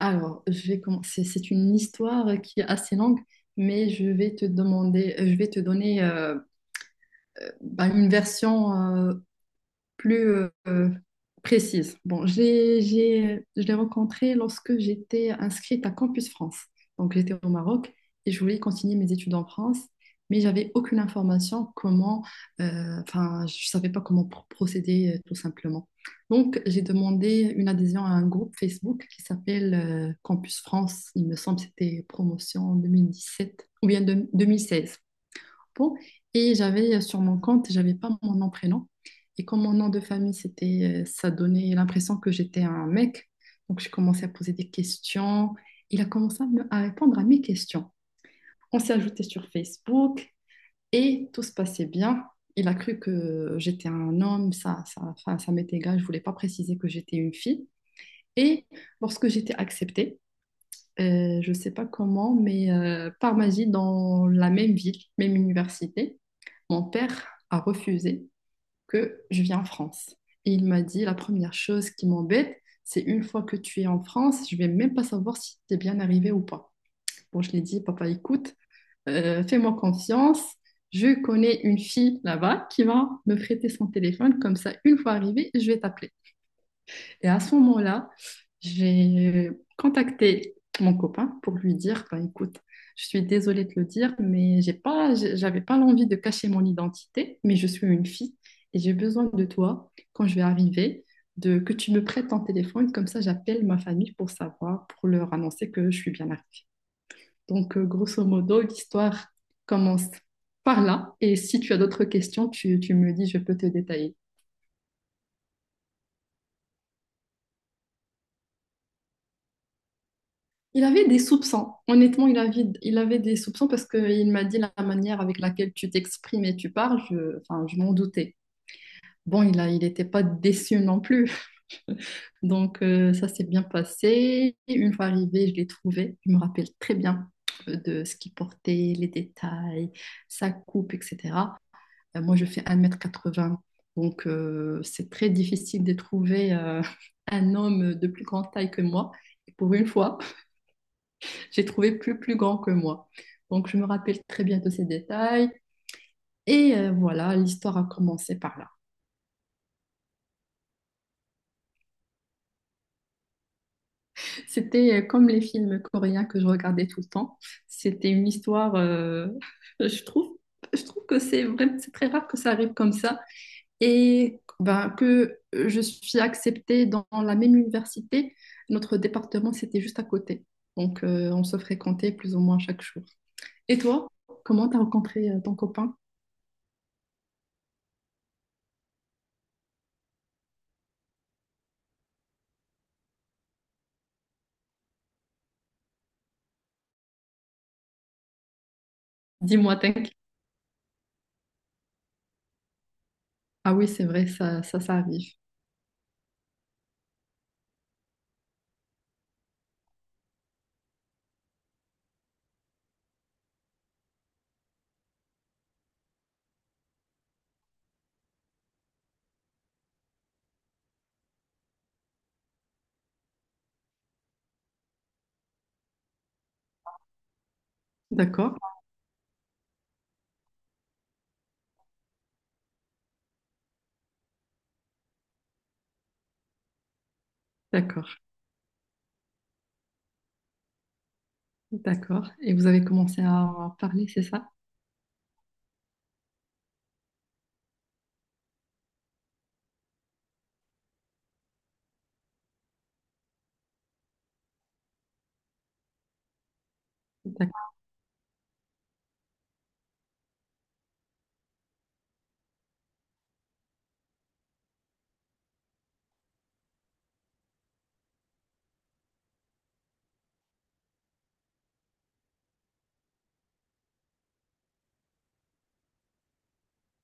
Alors, je vais commencer. C'est une histoire qui est assez longue, mais je vais te donner bah, une version plus euh, précise. Bon, je l'ai rencontré lorsque j'étais inscrite à Campus France. Donc, j'étais au Maroc et je voulais continuer mes études en France, mais j'avais aucune information comment, enfin, je savais pas comment procéder, tout simplement. Donc, j'ai demandé une adhésion à un groupe Facebook qui s'appelle, Campus France. Il me semble que c'était promotion 2017 ou bien 2016. Bon, et j'avais, sur mon compte, j'avais pas mon nom prénom. Et comme mon nom de famille, c'était, ça donnait l'impression que j'étais un mec. Donc j'ai commencé à poser des questions. Il a commencé à répondre à mes questions. On s'est ajouté sur Facebook et tout se passait bien. Il a cru que j'étais un homme, enfin, ça m'était égal. Je ne voulais pas préciser que j'étais une fille. Et lorsque j'étais acceptée, je ne sais pas comment, mais par magie, dans la même ville, même université, mon père a refusé que je vienne en France. Et il m'a dit, la première chose qui m'embête, c'est une fois que tu es en France, je ne vais même pas savoir si tu es bien arrivé ou pas. Bon, je lui ai dit, papa, écoute, fais-moi confiance. Je connais une fille là-bas qui va me prêter son téléphone, comme ça, une fois arrivée, je vais t'appeler. Et à ce moment-là, j'ai contacté mon copain pour lui dire, ben, écoute, je suis désolée de te le dire, mais j'avais pas l'envie de cacher mon identité, mais je suis une fille et j'ai besoin de toi quand je vais arriver, de que tu me prêtes ton téléphone, comme ça j'appelle ma famille pour savoir, pour leur annoncer que je suis bien arrivée. Donc, grosso modo, l'histoire commence par là. Et si tu as d'autres questions, tu me dis, je peux te détailler. Il avait des soupçons. Honnêtement, il avait des soupçons parce qu'il m'a dit la manière avec laquelle tu t'exprimes et tu parles, enfin, je m'en doutais. Bon, il n'était pas déçu non plus. Donc, ça s'est bien passé. Une fois arrivé, je l'ai trouvé. Je me rappelle très bien, de ce qu'il portait, les détails, sa coupe, etc. Moi, je fais 1,80 m. Donc, c'est très difficile de trouver, un homme de plus grande taille que moi. Et pour une fois, j'ai trouvé plus grand que moi. Donc, je me rappelle très bien de ces détails. Et voilà, l'histoire a commencé par là. C'était, comme les films coréens que je regardais tout le temps. C'était une histoire, je trouve, je trouve que c'est vrai, c'est très rare que ça arrive comme ça. Et ben, que je suis acceptée dans la même université. Notre département, c'était juste à côté. Donc, on se fréquentait plus ou moins chaque jour. Et toi, comment t'as rencontré, ton copain? Dis-moi, t'inquiète. Ah oui, c'est vrai, ça arrive. D'accord, d'accord, d'accord. Et vous avez commencé à en parler, c'est ça? D'accord,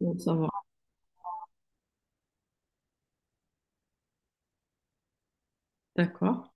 bon, ça va. D'accord.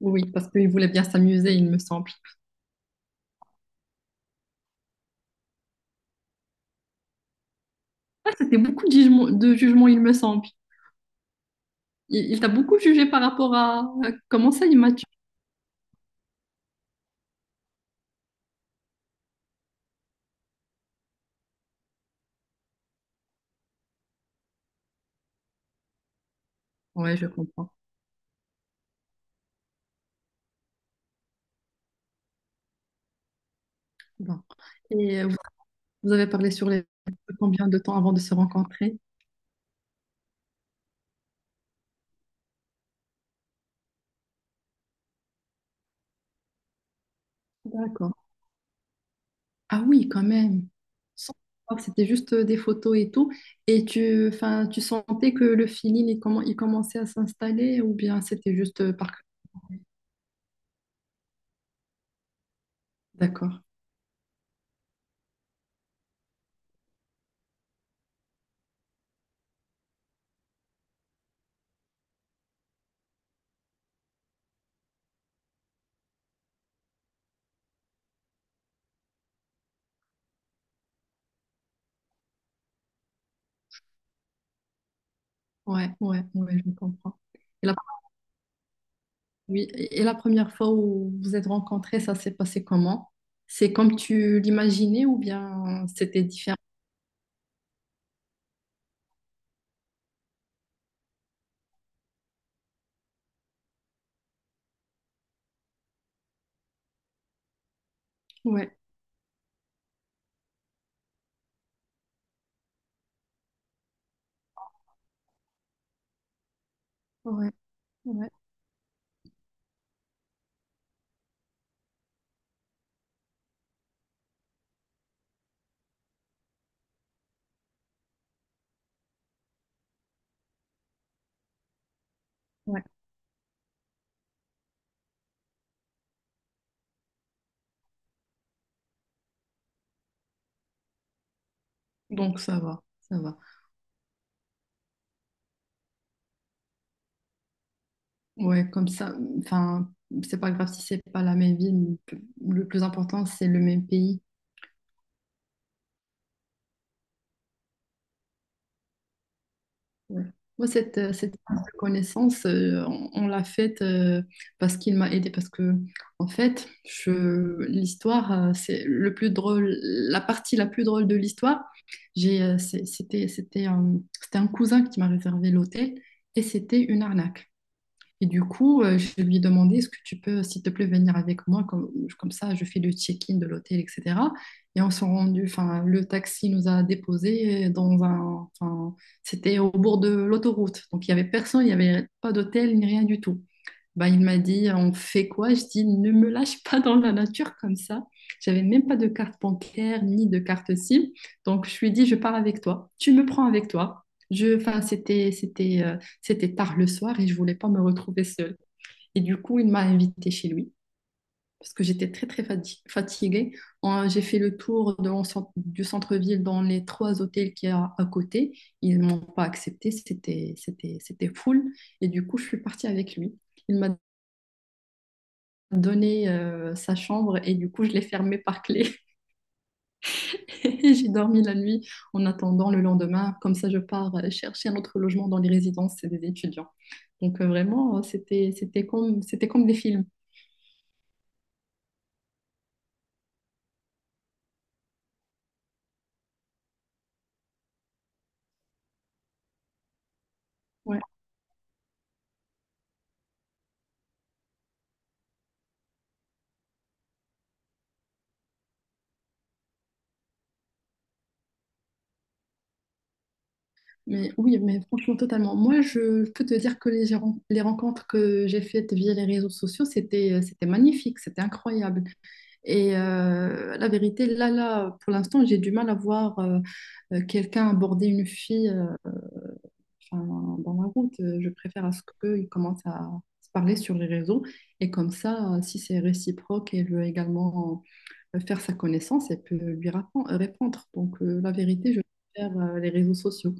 Oui, parce qu'il voulait bien s'amuser, il me semble. C'était beaucoup de jugements, il me semble. Il t'a beaucoup jugé par rapport à, comment ça, il m'a tué. Ouais, je comprends. Bon. Et vous avez parlé sur les combien de temps avant de se rencontrer? D'accord. Ah oui, quand même. Sans savoir que c'était juste, des photos et tout. Et enfin, tu sentais que le feeling, comment il commençait à s'installer ou bien c'était juste, par. D'accord. Ouais, ouais, ouais, je comprends. Et la, oui, et la première fois où vous êtes rencontrés, ça s'est passé comment? C'est comme tu l'imaginais ou bien c'était différent? Ouais, ouais, ouais, ouais. Donc ça va, ça va. Ouais, comme ça, enfin, c'est pas grave si c'est pas la même ville. Le plus important, c'est le même pays. Ouais. Moi, cette, cette prise de connaissance, on l'a faite, parce qu'il m'a aidé. Parce que, en fait, l'histoire, c'est le plus drôle, la partie la plus drôle de l'histoire. J'ai, c'est- c'était, c'était un cousin qui m'a réservé l'hôtel et c'était une arnaque. Et du coup, je lui ai demandé, est-ce que tu peux, s'il te plaît, venir avec moi, comme ça, je fais le check-in de l'hôtel, etc. Et on s'est rendu, enfin, le taxi nous a déposés enfin, c'était au bord de l'autoroute. Donc, il n'y avait personne, il n'y avait pas d'hôtel, ni rien du tout. Bah, il m'a dit, on fait quoi? Je dis, ne me lâche pas dans la nature comme ça. J'avais même pas de carte bancaire ni de carte SIM. Donc, je lui ai dit, je pars avec toi. Tu me prends avec toi. Enfin, c'était tard le soir et je voulais pas me retrouver seule. Et du coup, il m'a invitée chez lui parce que j'étais très, très fatiguée. J'ai fait le tour de du centre-ville dans les trois hôtels qu'il y a à côté. Ils m'ont pas accepté. C'était full. Et du coup, je suis partie avec lui. Il m'a donné, sa chambre et du coup je l'ai fermée par clé et j'ai dormi la nuit en attendant le lendemain. Comme ça, je pars, chercher un autre logement dans les résidences des étudiants. Donc, vraiment, c'était comme des films. Ouais, mais oui, mais franchement totalement. Moi, je peux te dire que les rencontres que j'ai faites via les réseaux sociaux, c'était magnifique, c'était incroyable. Et la vérité, là, pour l'instant, j'ai du mal à voir, quelqu'un aborder une fille, enfin, dans la route. Je préfère à ce qu'ils commencent à se parler sur les réseaux. Et comme ça, si c'est réciproque, elle veut également, faire sa connaissance, elle peut lui répondre. Donc, la vérité, je préfère, les réseaux sociaux.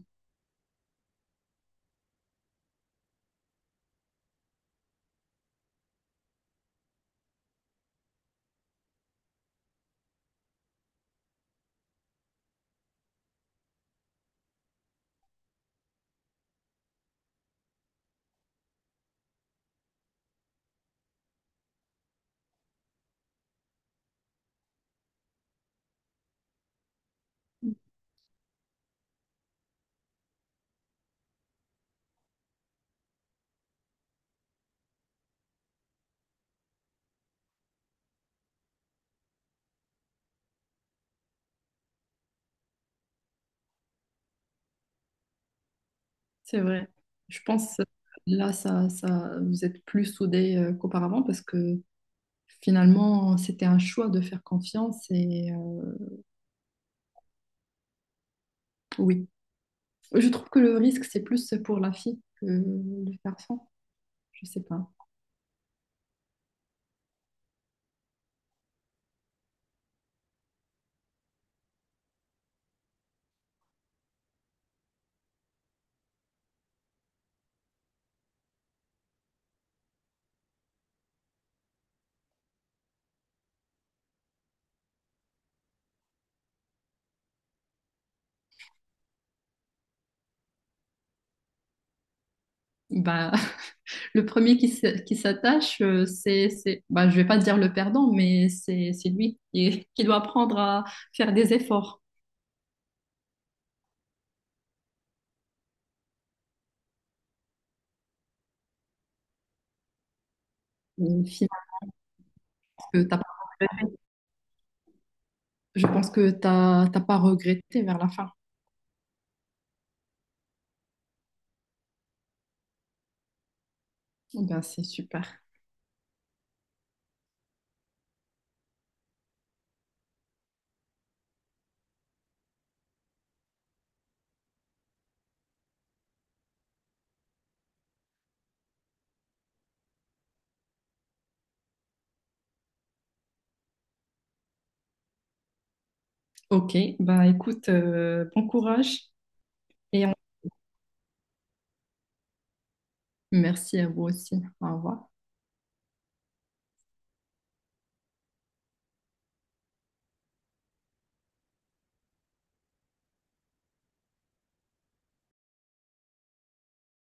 C'est vrai. Je pense, là, vous êtes plus soudés, qu'auparavant parce que finalement, c'était un choix de faire confiance. Et oui, je trouve que le risque, c'est plus pour la fille que le garçon. Je sais pas. Bah. Le premier qui s'attache, bah, je vais pas dire le perdant, mais c'est lui qui, qui doit apprendre à faire des efforts. Et finalement, que t'as pas je pense que tu t'as pas regretté vers la fin. Eh ben, c'est super. Ok, bah écoute, bon courage et merci à vous aussi. Au revoir.